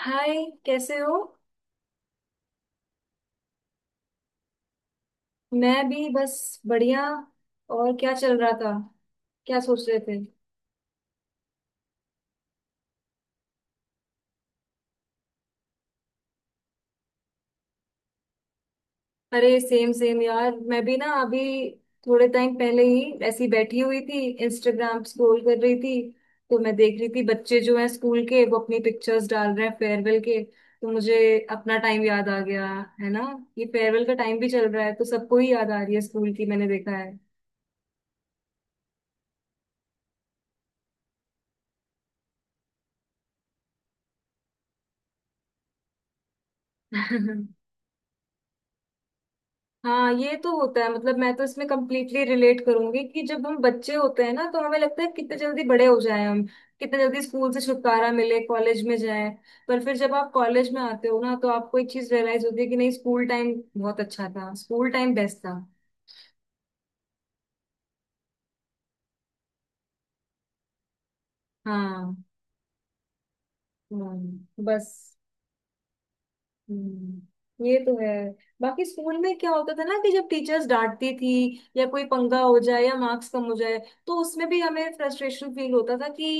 हाय। कैसे हो? मैं भी बस बढ़िया। और क्या चल रहा था? क्या सोच रहे थे? अरे सेम सेम यार, मैं भी ना अभी थोड़े टाइम पहले ही ऐसी बैठी हुई थी। इंस्टाग्राम स्क्रॉल कर रही थी। तो मैं देख रही थी बच्चे जो हैं स्कूल के, वो अपनी पिक्चर्स डाल रहे हैं फेयरवेल के, तो मुझे अपना टाइम याद आ गया, है ना। ये फेयरवेल का टाइम भी चल रहा है तो सबको ही याद आ रही है स्कूल की, मैंने देखा है। हाँ, ये तो होता है। मतलब मैं तो इसमें कम्प्लीटली रिलेट करूंगी कि जब हम बच्चे होते हैं ना तो हमें लगता है कितने जल्दी बड़े हो जाएं हम, कितने जल्दी स्कूल से छुटकारा मिले, कॉलेज में जाएं। पर फिर जब आप कॉलेज में आते हो ना तो आपको एक चीज रियलाइज होती है कि नहीं, स्कूल टाइम बहुत अच्छा था, स्कूल टाइम बेस्ट था। हाँ। बस। हम्म, ये तो है। बाकी स्कूल में क्या होता था ना कि जब टीचर्स डांटती थी या कोई पंगा हो जाए या मार्क्स कम हो जाए, तो उसमें भी हमें फ्रस्ट्रेशन फील होता था कि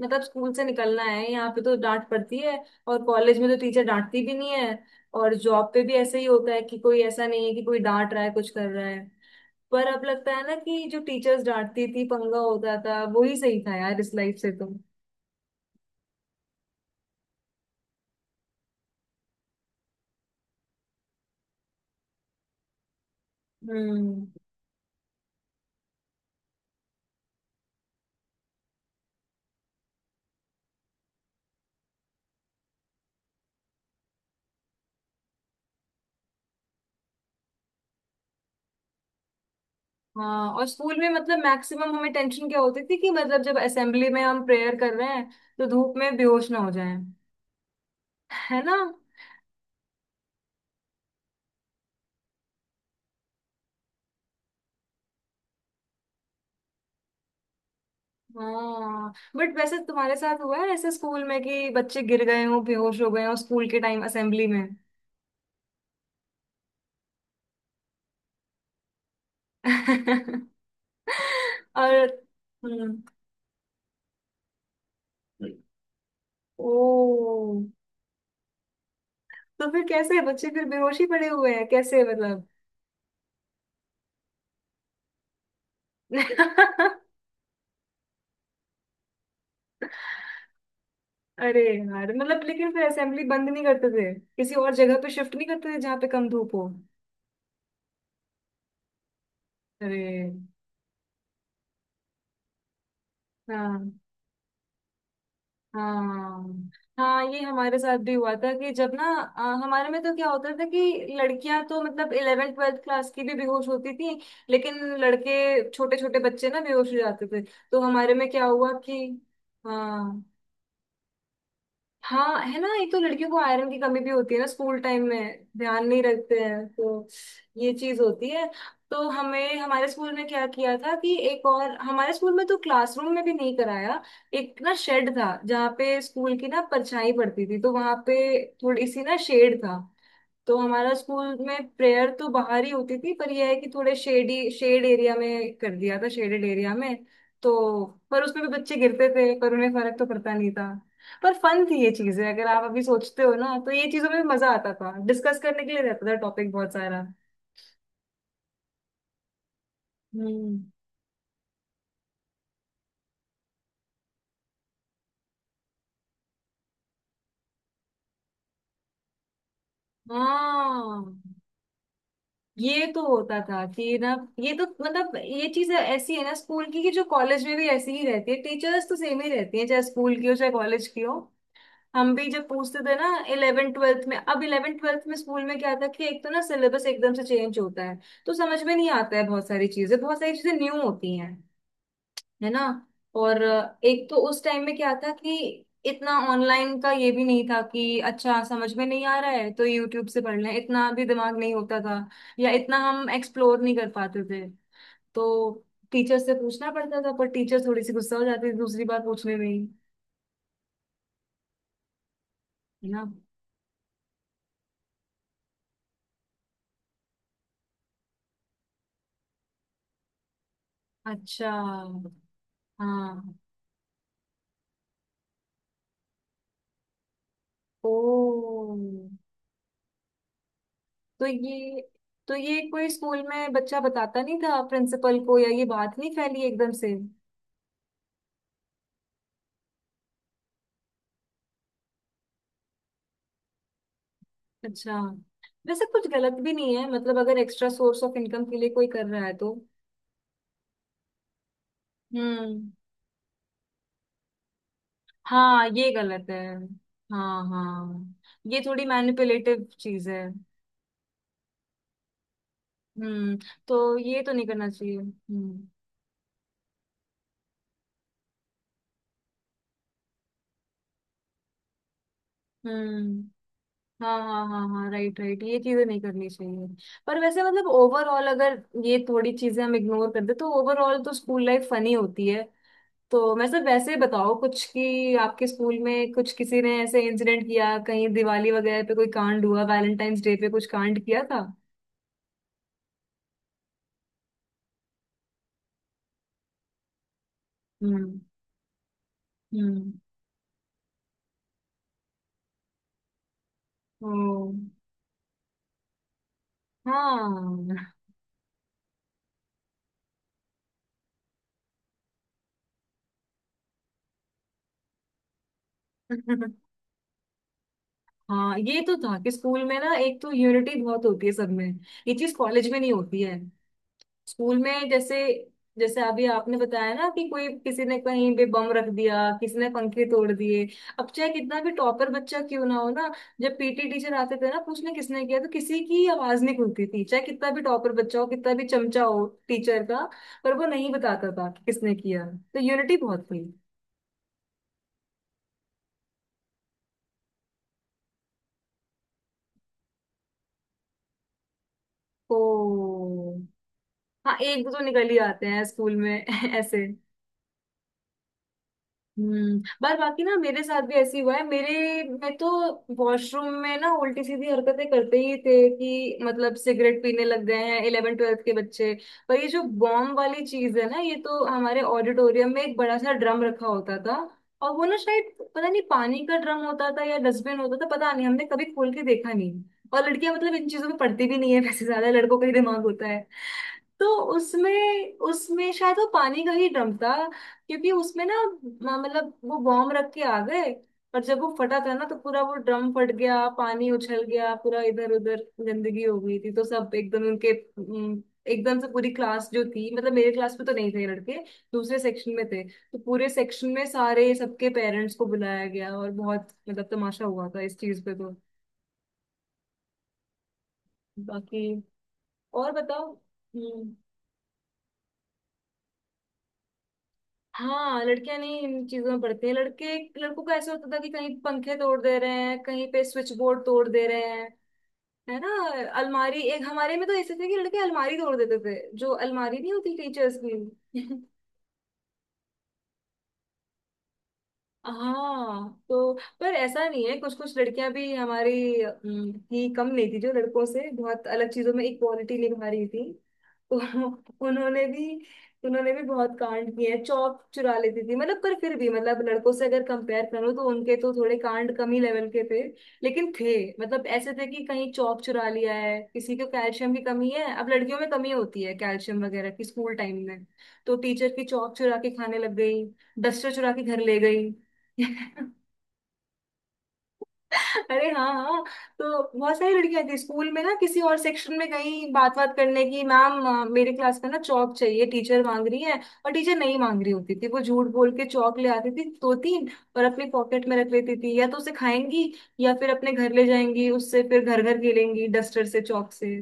मतलब स्कूल से निकलना है, यहाँ पे तो डांट पड़ती है। और कॉलेज में तो टीचर डांटती भी नहीं है। और जॉब पे भी ऐसे ही होता है कि कोई ऐसा नहीं है कि कोई डांट रहा है कुछ कर रहा है। पर अब लगता है ना कि जो टीचर्स डांटती थी, पंगा होता था, वो ही सही था यार, इस लाइफ से तो। हम्म। हाँ, और स्कूल में मतलब मैक्सिमम हमें टेंशन क्या होती थी कि मतलब जब असेंबली में हम प्रेयर कर रहे हैं तो धूप में बेहोश ना हो जाएं, है ना। हाँ, बट वैसे तुम्हारे साथ हुआ है ऐसे स्कूल में कि बच्चे गिर गए हों, बेहोश हो गए हों स्कूल के टाइम असेंबली में? और। हम्म। ओ। तो फिर कैसे बच्चे फिर बेहोश ही पड़े हुए हैं? कैसे मतलब? अरे यार, मतलब लेकिन फिर असेंबली बंद नहीं करते थे? किसी और जगह पे शिफ्ट नहीं करते थे जहाँ पे कम धूप हो? अरे। हाँ, हाँ, हाँ, ये हमारे साथ भी हुआ था कि जब ना हमारे में तो क्या होता था कि लड़कियां तो मतलब इलेवेंथ ट्वेल्थ क्लास की भी बेहोश होती थी, लेकिन लड़के, छोटे छोटे बच्चे ना बेहोश हो जाते थे, तो हमारे में क्या हुआ कि। हाँ, हाँ, है ना, एक तो लड़कियों को आयरन की कमी भी होती है ना, स्कूल टाइम में ध्यान नहीं रखते हैं तो ये चीज होती है। तो हमें हमारे स्कूल में क्या किया था कि, एक और हमारे स्कूल में तो क्लासरूम में भी नहीं कराया। एक ना शेड था, जहाँ पे स्कूल की ना परछाई पड़ती थी, तो वहां पे थोड़ी सी ना शेड था। तो हमारा स्कूल में प्रेयर तो बाहर ही होती थी, पर यह है कि थोड़े शेडी शेड एरिया में कर दिया था, शेडेड एरिया में। तो पर उसमें भी बच्चे गिरते थे, पर उन्हें फर्क तो पड़ता नहीं था। पर फन थी ये चीजें, अगर आप अभी सोचते हो ना, तो ये चीजों में मजा आता था, डिस्कस करने के लिए रहता था टॉपिक बहुत सारा। हम्म। हाँ, ये तो होता था कि ना, ये तो मतलब ये चीज ऐसी है ना स्कूल की कि जो कॉलेज में भी ऐसी ही रहती है, टीचर्स तो सेम ही रहती है चाहे स्कूल की हो चाहे कॉलेज की हो। हम भी जब पूछते थे ना इलेवेंथ ट्वेल्थ में, अब इलेवेंथ ट्वेल्थ में स्कूल में क्या था कि एक तो ना सिलेबस एकदम से चेंज होता है, तो समझ में नहीं आता है, बहुत सारी चीजें। बहुत सारी चीजें न्यू होती हैं, है ना। और एक तो उस टाइम में क्या था कि इतना ऑनलाइन का ये भी नहीं था कि अच्छा समझ में नहीं आ रहा है तो यूट्यूब से पढ़ लें, इतना भी दिमाग नहीं होता था, या इतना हम एक्सप्लोर नहीं कर पाते थे। तो टीचर से पूछना पड़ता था, पर टीचर थोड़ी सी गुस्सा हो जाती थी दूसरी बार पूछने में ही, है ना। अच्छा। हाँ। ओ। तो ये तो ये कोई स्कूल में बच्चा बताता नहीं था प्रिंसिपल को, या ये बात नहीं फैली एकदम से? अच्छा। वैसे कुछ गलत भी नहीं है, मतलब अगर एक्स्ट्रा सोर्स ऑफ इनकम के लिए कोई कर रहा है तो। हम्म। हाँ, ये गलत है। हाँ, हाँ। ये थोड़ी मैनिपुलेटिव चीज है। हम्म। तो ये तो नहीं करना चाहिए। हम्म। हम्म। हाँ, हाँ, हाँ, हाँ, राइट, राइट, ये चीजें नहीं करनी चाहिए। पर वैसे मतलब ओवरऑल अगर ये थोड़ी चीजें हम इग्नोर कर दे तो ओवरऑल तो स्कूल लाइफ फनी होती है। तो मैं सब, वैसे बताओ कुछ कि आपके स्कूल में कुछ, किसी ने ऐसे इंसिडेंट किया, कहीं दिवाली वगैरह पे कोई कांड हुआ, वैलेंटाइंस डे पे कुछ कांड किया था? हम्म। हम्म। ओ। हाँ। हाँ, ये तो था कि स्कूल में ना एक तो यूनिटी बहुत होती है सब में, ये चीज कॉलेज में नहीं होती है। स्कूल में जैसे जैसे अभी आपने बताया ना कि कोई किसी ने कहीं पे बम रख दिया, किसी ने पंखे तोड़ दिए। अब चाहे कितना भी टॉपर बच्चा क्यों ना हो ना, जब पीटी टीचर आते थे ना पूछने किसने किया तो किसी की आवाज नहीं खुलती थी, चाहे कितना भी टॉपर बच्चा हो, कितना भी चमचा हो टीचर का, पर वो नहीं बताता था कि किसने किया। तो यूनिटी बहुत थी। ओ। हाँ, एक दो तो निकल ही आते हैं स्कूल में ऐसे। हम्म। पर बाकी ना मेरे साथ भी ऐसे ही हुआ है मेरे मैं तो वॉशरूम में ना उल्टी सीधी हरकतें करते ही थे, कि मतलब सिगरेट पीने लग गए हैं इलेवन ट्वेल्थ के बच्चे। पर ये जो बॉम्ब वाली चीज है ना, ये तो हमारे ऑडिटोरियम में एक बड़ा सा ड्रम रखा होता था। और वो ना शायद पता नहीं, पानी का ड्रम होता था या डस्टबिन होता था पता नहीं, हमने कभी खोल के देखा नहीं। और लड़कियां मतलब इन चीजों में पढ़ती भी नहीं है वैसे, ज्यादा लड़कों का ही दिमाग होता है। तो उसमें उसमें शायद वो पानी का ही ड्रम था। क्योंकि उसमें ना मतलब वो बॉम्ब रख के आ गए। और जब वो फटा था ना तो पूरा वो ड्रम फट गया, पानी उछल गया पूरा इधर उधर, गंदगी हो गई थी, तो सब एकदम उनके। एकदम से पूरी क्लास जो थी, मतलब मेरे क्लास में तो नहीं थे लड़के, दूसरे सेक्शन में थे, तो पूरे सेक्शन में सारे, सबके पेरेंट्स को बुलाया गया और बहुत मतलब तमाशा हुआ था इस चीज पे तो। बाकी, और बताओ। हाँ, लड़कियां नहीं इन चीजों में पढ़ती हैं, लड़के, लड़कों का ऐसा होता था कि कहीं पंखे तोड़ दे रहे हैं, कहीं पे स्विच बोर्ड तोड़ दे रहे हैं। है ना। अलमारी, एक हमारे में तो ऐसे थे कि लड़के अलमारी तोड़ देते थे, जो अलमारी नहीं होती टीचर्स की। हाँ, तो। पर ऐसा नहीं है, कुछ कुछ लड़कियां भी हमारी ही कम नहीं थी, जो लड़कों से बहुत अलग चीजों में इक्वालिटी निभा रही थी। तो उन्होंने भी उन्होंने भी बहुत कांड किए हैं, चौक चुरा लेती थी मतलब, पर फिर भी मतलब लड़कों से अगर कंपेयर करूँ तो उनके तो थोड़े कांड कम ही लेवल के थे, लेकिन थे। मतलब ऐसे थे कि कहीं चौक चुरा लिया है, किसी को कैल्शियम की कमी है, अब लड़कियों में कमी होती है कैल्शियम वगैरह की स्कूल टाइम में, तो टीचर की चौक चुरा के खाने लग गई, डस्टर चुरा के घर ले गई। अरे, हाँ, हाँ, तो बहुत सारी लड़कियां थी स्कूल में ना, किसी और सेक्शन में गई बात बात करने की, मैम मेरे क्लास में ना चौक चाहिए, टीचर मांग रही है। और टीचर नहीं मांग रही होती थी, वो झूठ बोल के चौक ले आती थी दो तीन, और अपनी पॉकेट में रख लेती थी, या तो उसे खाएंगी, या फिर अपने घर ले जाएंगी उससे, फिर घर घर खेलेंगी डस्टर से चौक से।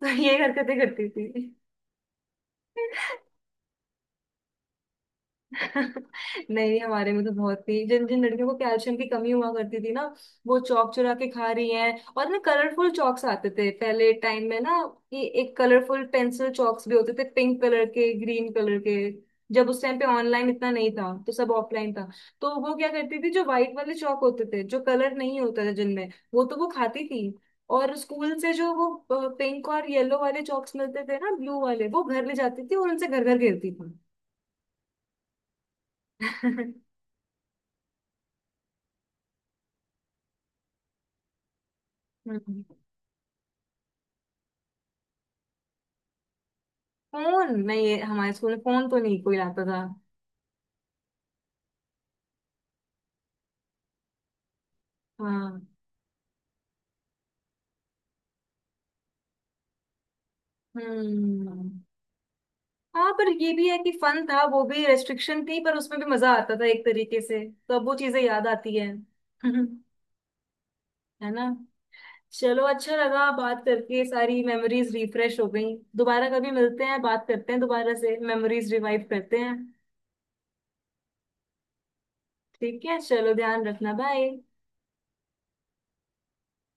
तो ये हरकतें करती थी। नहीं, नहीं, हमारे में तो बहुत ही, जिन जिन लड़कियों को कैल्शियम की कमी हुआ करती थी ना, वो चौक चुरा के खा रही हैं। और ना कलरफुल चौक्स आते थे पहले टाइम में ना, ये एक कलरफुल पेंसिल चौक्स भी होते थे, पिंक कलर के, ग्रीन कलर के। जब उस टाइम पे ऑनलाइन इतना नहीं था तो सब ऑफलाइन था, तो वो क्या करती थी, जो व्हाइट वाले चौक होते थे जो कलर नहीं होता था जिनमें, वो तो वो खाती थी। और स्कूल से जो वो पिंक और येलो वाले चॉक्स मिलते थे ना, ब्लू वाले, वो घर ले जाती थी और उनसे घर घर खेलती थी। हम्म। फोन नहीं, ये हमारे स्कूल में फोन तो नहीं कोई लाता था। हाँ। हम्म। हाँ, पर ये भी है कि फन था, वो भी रेस्ट्रिक्शन थी पर उसमें भी मजा आता था एक तरीके से। तो अब वो चीजें याद आती है है ना। चलो, अच्छा लगा बात करके, सारी मेमोरीज रिफ्रेश हो गई, दोबारा कभी मिलते हैं, बात करते हैं दोबारा से, मेमोरीज रिवाइव करते हैं। ठीक है, चलो, ध्यान रखना, बाय।